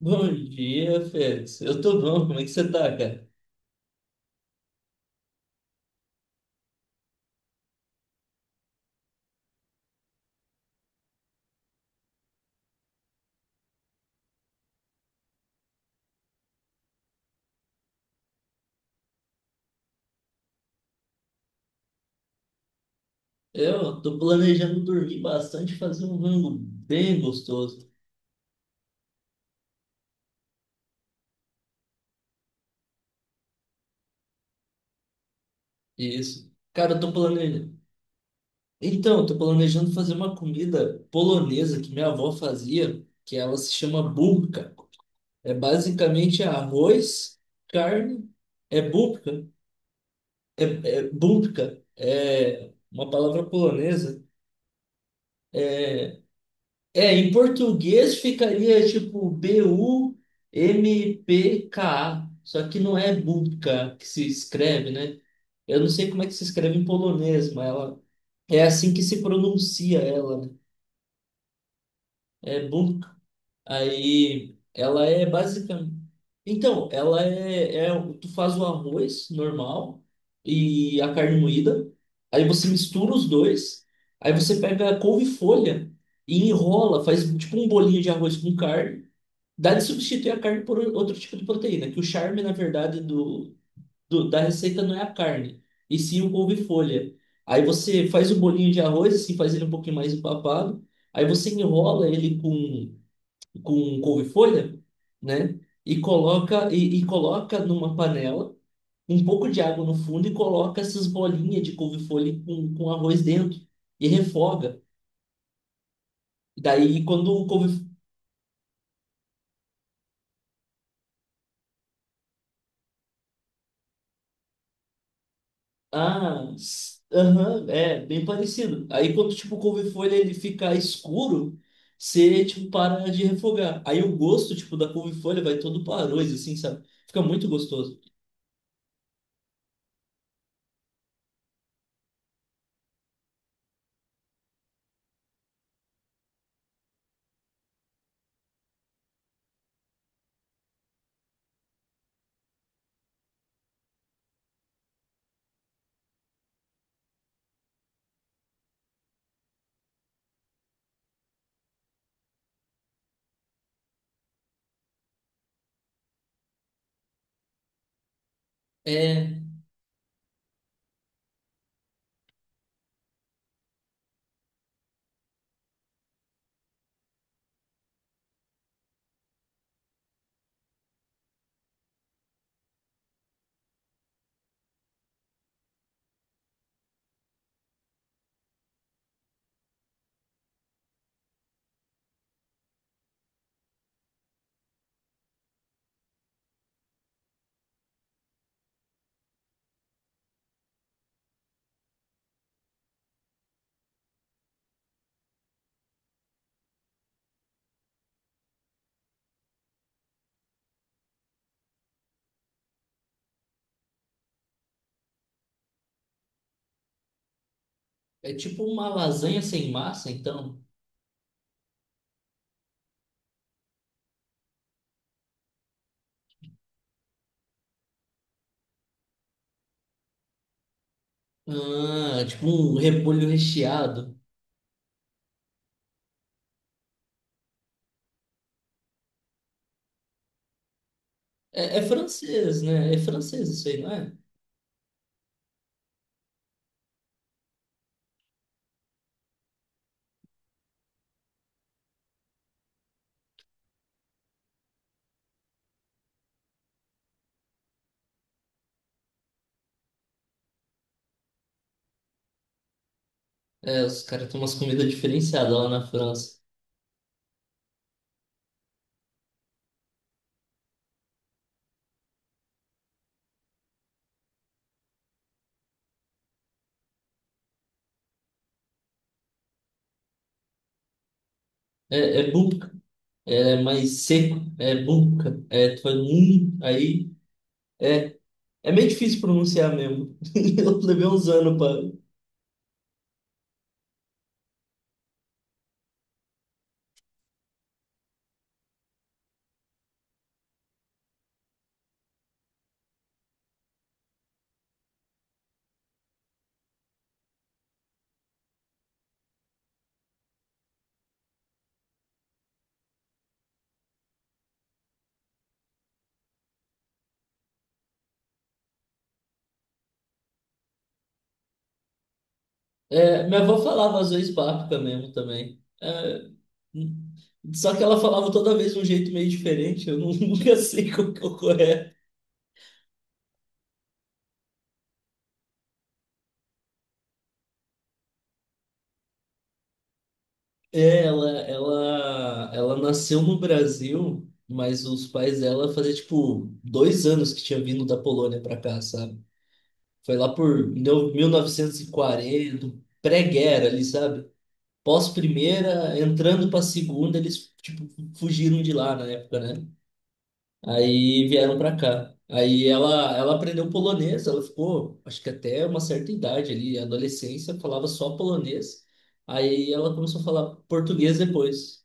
Bom dia, Félix. Eu tô bom, como é que você tá, cara? Eu tô planejando dormir bastante, fazer um rango bem gostoso. Isso. Cara, eu tô planejando. Então, eu tô planejando fazer uma comida polonesa que minha avó fazia, que ela se chama bubka. É basicamente arroz, carne, é bubka, é bubka, é uma palavra polonesa. É, em português ficaria tipo BUMPKA, só que não é Bubka que se escreve, né? Eu não sei como é que se escreve em polonês, mas ela é assim que se pronuncia ela, né? É bubka. Aí ela é basicamente. Então, ela é, é. Um, tu faz o arroz normal e a carne moída. Aí você mistura os dois. Aí você pega a couve-folha e enrola, faz tipo um bolinho de arroz com carne. Dá de substituir a carne por outro tipo de proteína, que o charme, na verdade, da receita não é a carne, e sim o couve-folha. Aí você faz o bolinho de arroz, assim, faz ele um pouquinho mais empapado. Aí você enrola ele com um couve-folha, né? E coloca numa panela um pouco de água no fundo e coloca essas bolinhas de couve-folha com arroz dentro e refoga. Daí quando o couve ah, s- Aham, é bem parecido. Aí quando tipo o couve-folha ele fica escuro, você tipo para de refogar. Aí o gosto tipo da couve-folha vai todo para arroz assim, sabe? Fica muito gostoso. É, é tipo uma lasanha sem massa, então. Ah, tipo um repolho recheado. É francês, né? É francês isso aí, não é? É, os caras têm umas comidas diferenciadas lá na França. É boubka, é mais seco, é boubka, é toimin, aí... É meio difícil pronunciar mesmo. Eu levei uns anos pra... É, minha avó falava às vezes babka mesmo também. É, só que ela falava toda vez de um jeito meio diferente, eu nunca sei qual que é o correto. É, ela nasceu no Brasil, mas os pais dela fazia tipo 2 anos que tinha vindo da Polônia para cá, sabe? Foi lá por mil- novecentos e quarenta, pré-guerra ali, sabe? Pós-primeira, entrando para segunda, eles tipo fugiram de lá na época, né? Aí vieram para cá. Aí ela aprendeu polonês, ela ficou, acho que até uma certa idade ali, adolescência, falava só polonês. Aí ela começou a falar português depois.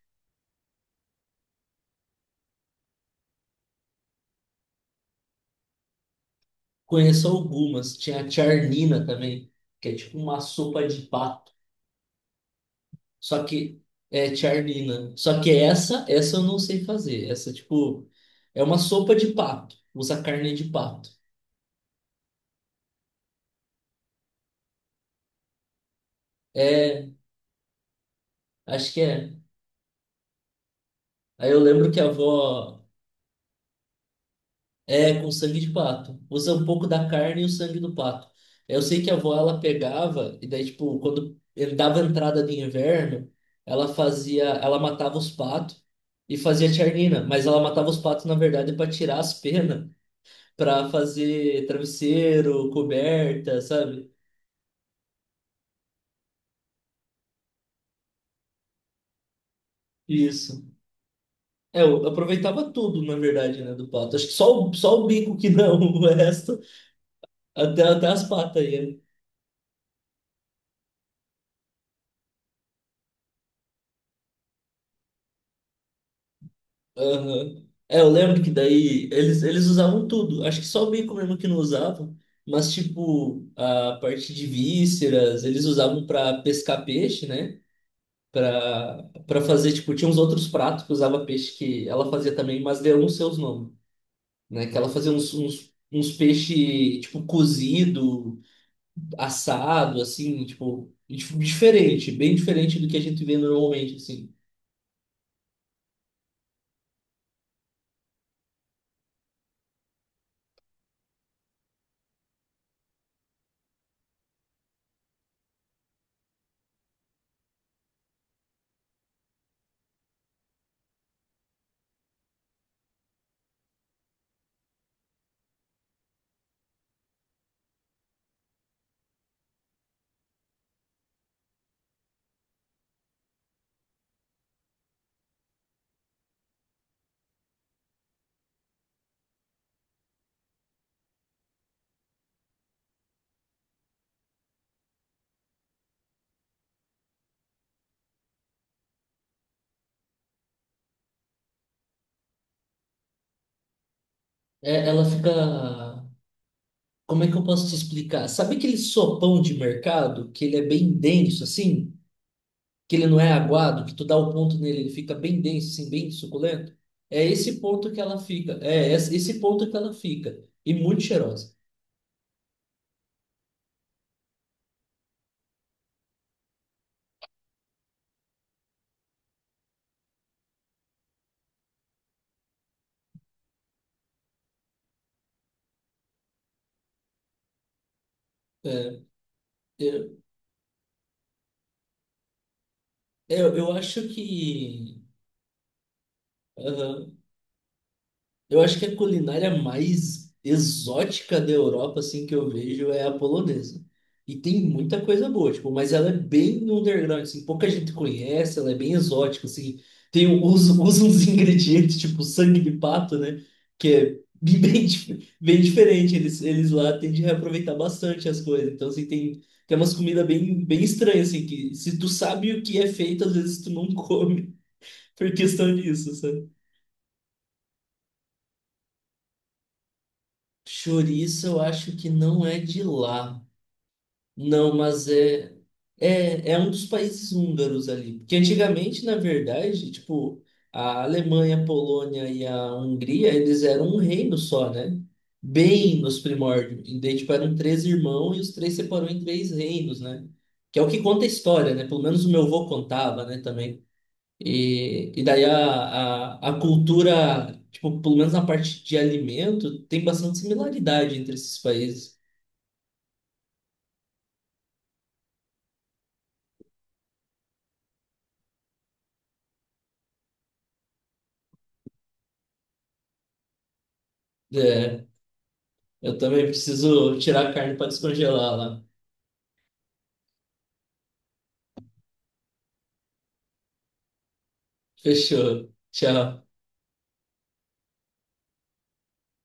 Conheço algumas. Tinha a charnina também, que é tipo uma sopa de pato. Só que é charnina. Só que essa eu não sei fazer. Essa, tipo, é uma sopa de pato. Usa carne de pato. É, acho que é. Aí eu lembro que a avó. É, com sangue de pato. Usa um pouco da carne e o sangue do pato. Eu sei que a avó, ela pegava, e daí, tipo, quando ele dava entrada de inverno, ela matava os patos e fazia tiarnina, mas ela matava os patos, na verdade, para tirar as penas, para fazer travesseiro, coberta, sabe? Isso. É, eu aproveitava tudo, na verdade, né, do pato. Acho que só o bico que não, o resto, até as patas aí, né? Aham. É, eu lembro que daí eles usavam tudo. Acho que só o bacon mesmo que não usavam. Mas, tipo, a parte de vísceras, eles usavam para pescar peixe, né? Para fazer, tipo, tinha uns outros pratos que usava peixe que ela fazia também, mas deu uns seus nomes, né? Que ela fazia uns peixe, tipo, cozido, assado, assim, tipo, diferente, bem diferente do que a gente vê normalmente, assim. É, ela fica. Como é que eu posso te explicar? Sabe aquele sopão de mercado que ele é bem denso assim, que ele não é aguado, que tu dá o ponto nele, ele fica bem denso, assim, bem suculento? É esse ponto que ela fica. É esse ponto que ela fica e muito cheirosa. É, eu, eu acho que. Aham. Eu acho que a culinária mais exótica da Europa, assim, que eu vejo é a polonesa. E tem muita coisa boa, tipo, mas ela é bem no underground, assim, pouca gente conhece, ela é bem exótica, assim. Usa uns ingredientes, tipo sangue de pato, né? Que é bem, bem diferente. Eles lá tendem a reaproveitar bastante as coisas. Então, assim, tem umas comidas bem, bem estranhas, assim, que se tu sabe o que é feito, às vezes tu não come por questão disso, sabe? Chouriço, eu acho que não é de lá. Não, mas é um dos países húngaros ali. Porque antigamente, na verdade, tipo, a Alemanha, a Polônia e a Hungria, eles eram um reino só, né? Bem nos primórdios. E daí, tipo, eram três irmãos e os três separou em três reinos, né? Que é o que conta a história, né? Pelo menos o meu avô contava, né, também. E daí a cultura, tipo, pelo menos na parte de alimento, tem bastante similaridade entre esses países. É, eu também preciso tirar a carne para descongelar lá. Fechou. Tchau.